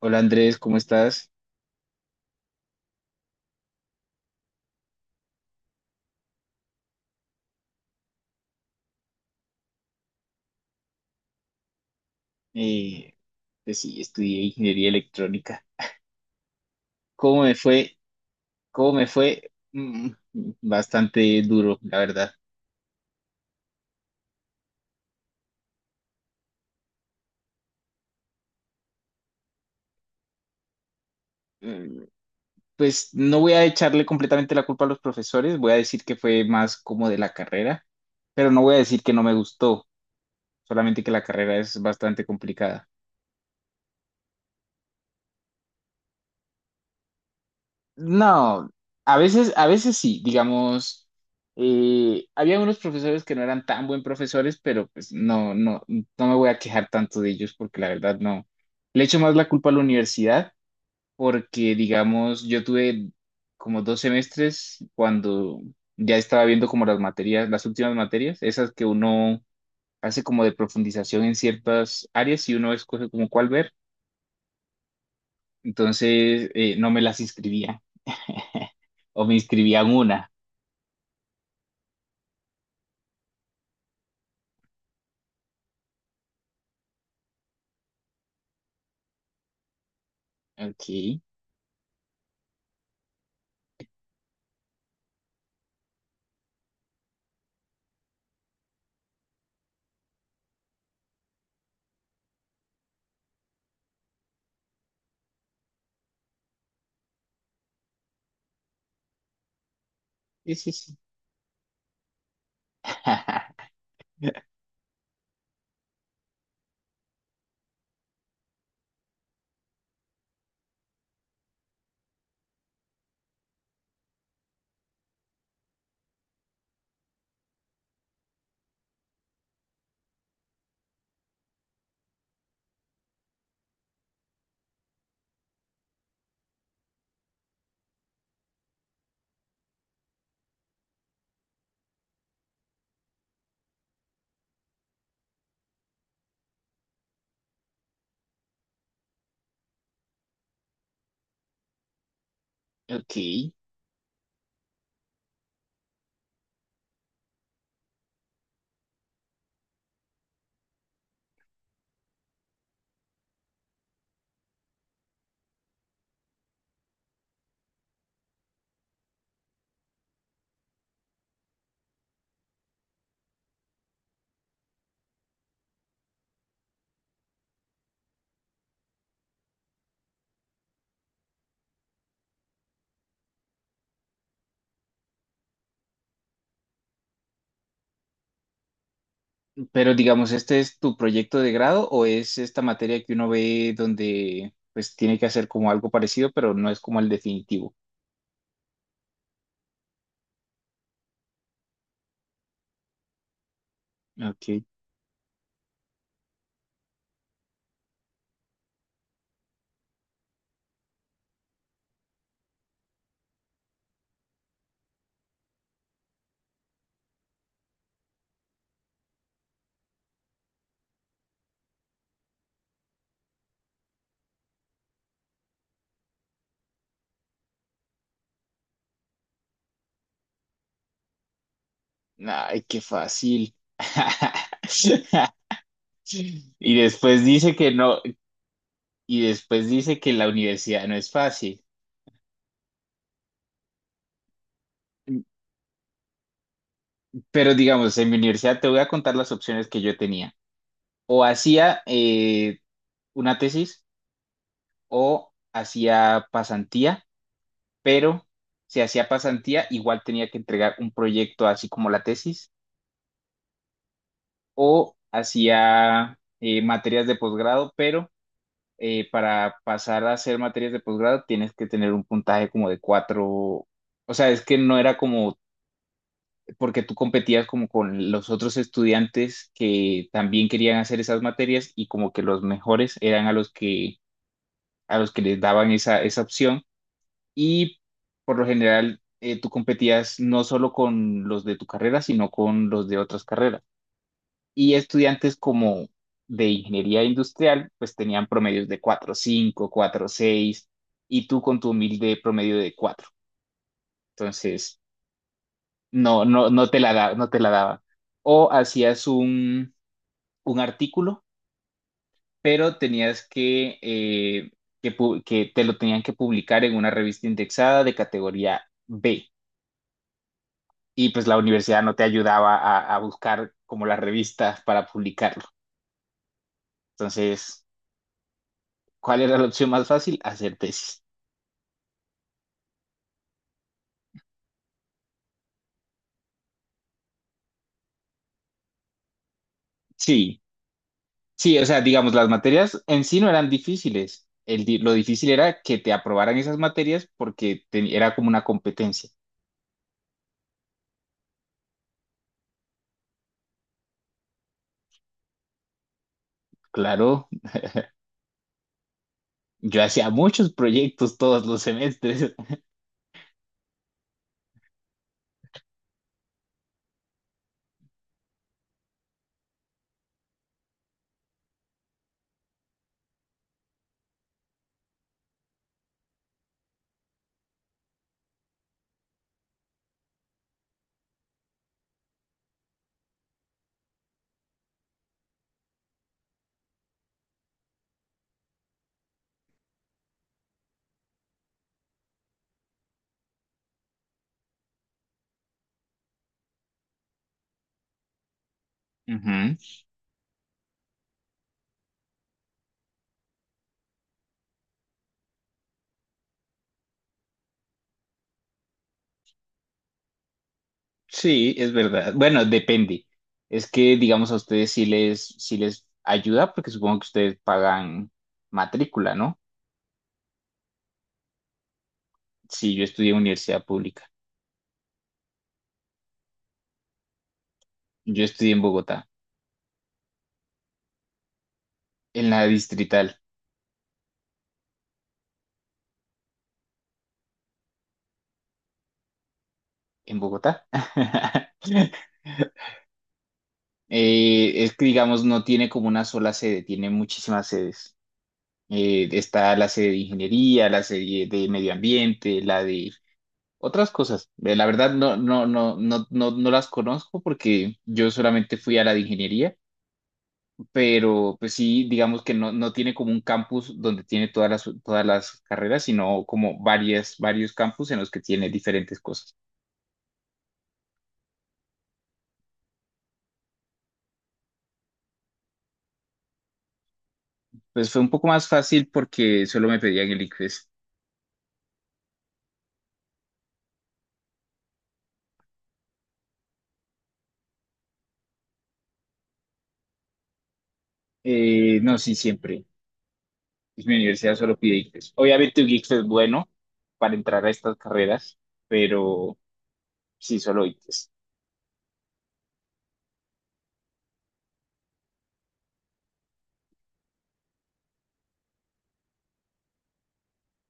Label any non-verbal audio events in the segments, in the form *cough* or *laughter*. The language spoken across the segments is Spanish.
Hola Andrés, ¿cómo estás? Eh, pues sí, estudié ingeniería electrónica. ¿Cómo me fue? ¿Cómo me fue? Bastante duro, la verdad. Mm, Pues no voy a echarle completamente la culpa a los profesores, voy a decir que fue más como de la carrera, pero no voy a decir que no me gustó, solamente que la carrera es bastante complicada. No, a veces sí, digamos, había unos profesores que no eran tan buen profesores, pero pues no, no, no me voy a quejar tanto de ellos porque la verdad no. Le echo más la culpa a la universidad porque, digamos, yo tuve como dos semestres cuando ya estaba viendo como las materias, las últimas materias, esas que uno hace como de profundización en ciertas áreas y uno escoge como cuál ver, entonces no me las inscribía *laughs* o me inscribía en una. Ok, sí, sí, sí. *laughs* Ok, pero digamos, ¿este es tu proyecto de grado o es esta materia que uno ve donde pues tiene que hacer como algo parecido, pero no es como el definitivo? Ok, ay, qué fácil. *laughs* Y después dice que no, y después dice que la universidad no es fácil. Pero digamos, en mi universidad te voy a contar las opciones que yo tenía. O hacía una tesis o hacía pasantía, pero si hacía pasantía, igual tenía que entregar un proyecto así como la tesis, o hacía materias de posgrado, pero para pasar a hacer materias de posgrado tienes que tener un puntaje como de cuatro, o sea, es que no era como, porque tú competías como con los otros estudiantes que también querían hacer esas materias y como que los mejores eran a los que les daban esa, esa opción, y por lo general tú competías no solo con los de tu carrera, sino con los de otras carreras. Y estudiantes como de ingeniería industrial, pues tenían promedios de cuatro cinco cuatro seis, y tú con tu humilde promedio de cuatro. Entonces, no, no, no te la da, no te la daba. O hacías un artículo, pero tenías que, que te lo tenían que publicar en una revista indexada de categoría B. Y pues la universidad no te ayudaba a buscar como las revistas para publicarlo. Entonces, ¿cuál era la opción más fácil? Hacer tesis. Sí, sí, o sea, digamos, las materias en sí no eran difíciles. Lo difícil era que te aprobaran esas materias porque era como una competencia. Claro, yo hacía muchos proyectos todos los semestres. *laughs* Ujú. Sí, es verdad. Bueno, depende. Es que, digamos, a ustedes sí les ayuda porque supongo que ustedes pagan matrícula, ¿no? Sí, yo estudié en universidad pública. Yo estudié en Bogotá, en la distrital, en Bogotá. *laughs* Es que, digamos, no tiene como una sola sede, tiene muchísimas sedes. Está la sede de ingeniería, la sede de medio ambiente, la de otras cosas. La verdad, no, no, no, no, no, no las conozco porque yo solamente fui a la de ingeniería. Pero pues sí, digamos que no, no tiene como un campus donde tiene todas las carreras, sino como varias, varios campus en los que tiene diferentes cosas. Pues fue un poco más fácil porque solo me pedían el ICFES. No, sí, siempre. Pues, mi universidad solo pide ICFES. Obviamente un ICFES es bueno para entrar a estas carreras, pero sí, solo ICFES.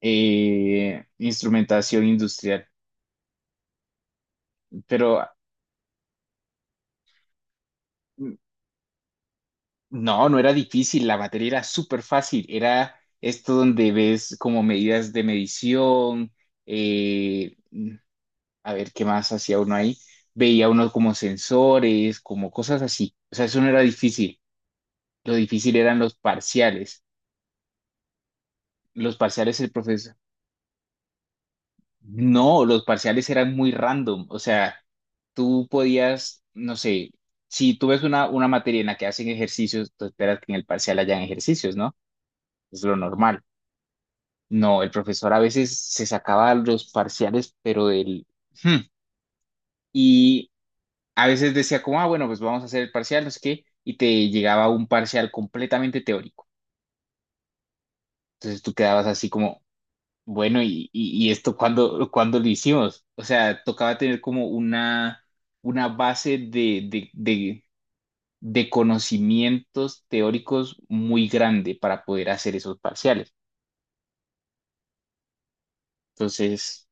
Instrumentación industrial, pero... mm, no, no era difícil, la materia era súper fácil, era esto donde ves como medidas de medición, eh, a ver qué más hacía uno ahí, veía uno como sensores, como cosas así, o sea, eso no era difícil, lo difícil eran los parciales el profesor, no, los parciales eran muy random, o sea, tú podías, no sé, si tú ves una materia en la que hacen ejercicios, tú esperas que en el parcial hayan ejercicios, ¿no? Es lo normal. No, el profesor a veces se sacaba los parciales, pero del... hmm, y a veces decía como, ah, bueno, pues vamos a hacer el parcial, no sé qué, y te llegaba un parcial completamente teórico. Entonces tú quedabas así como, bueno, ¿y, y esto cuándo, cuándo lo hicimos? O sea, tocaba tener como una base de conocimientos teóricos muy grande para poder hacer esos parciales. Entonces,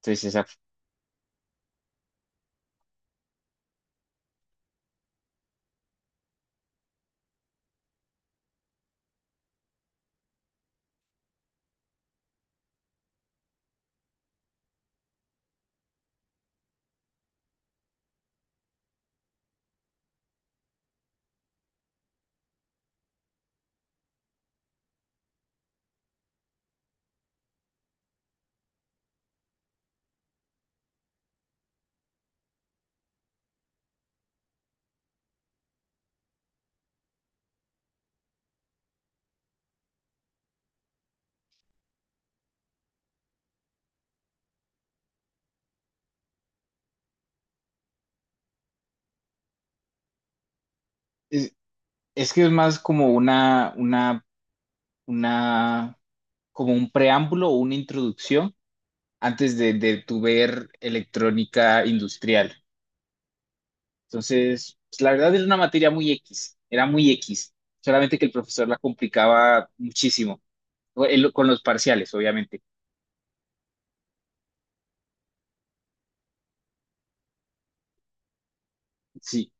entonces esa... es- es que es más como una, como un preámbulo o una introducción antes de tu ver electrónica industrial. Entonces, pues, la verdad era una materia muy X, era muy X, solamente que el profesor la complicaba muchísimo, con los parciales, obviamente. Sí,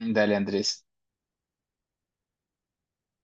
dale, Andrés.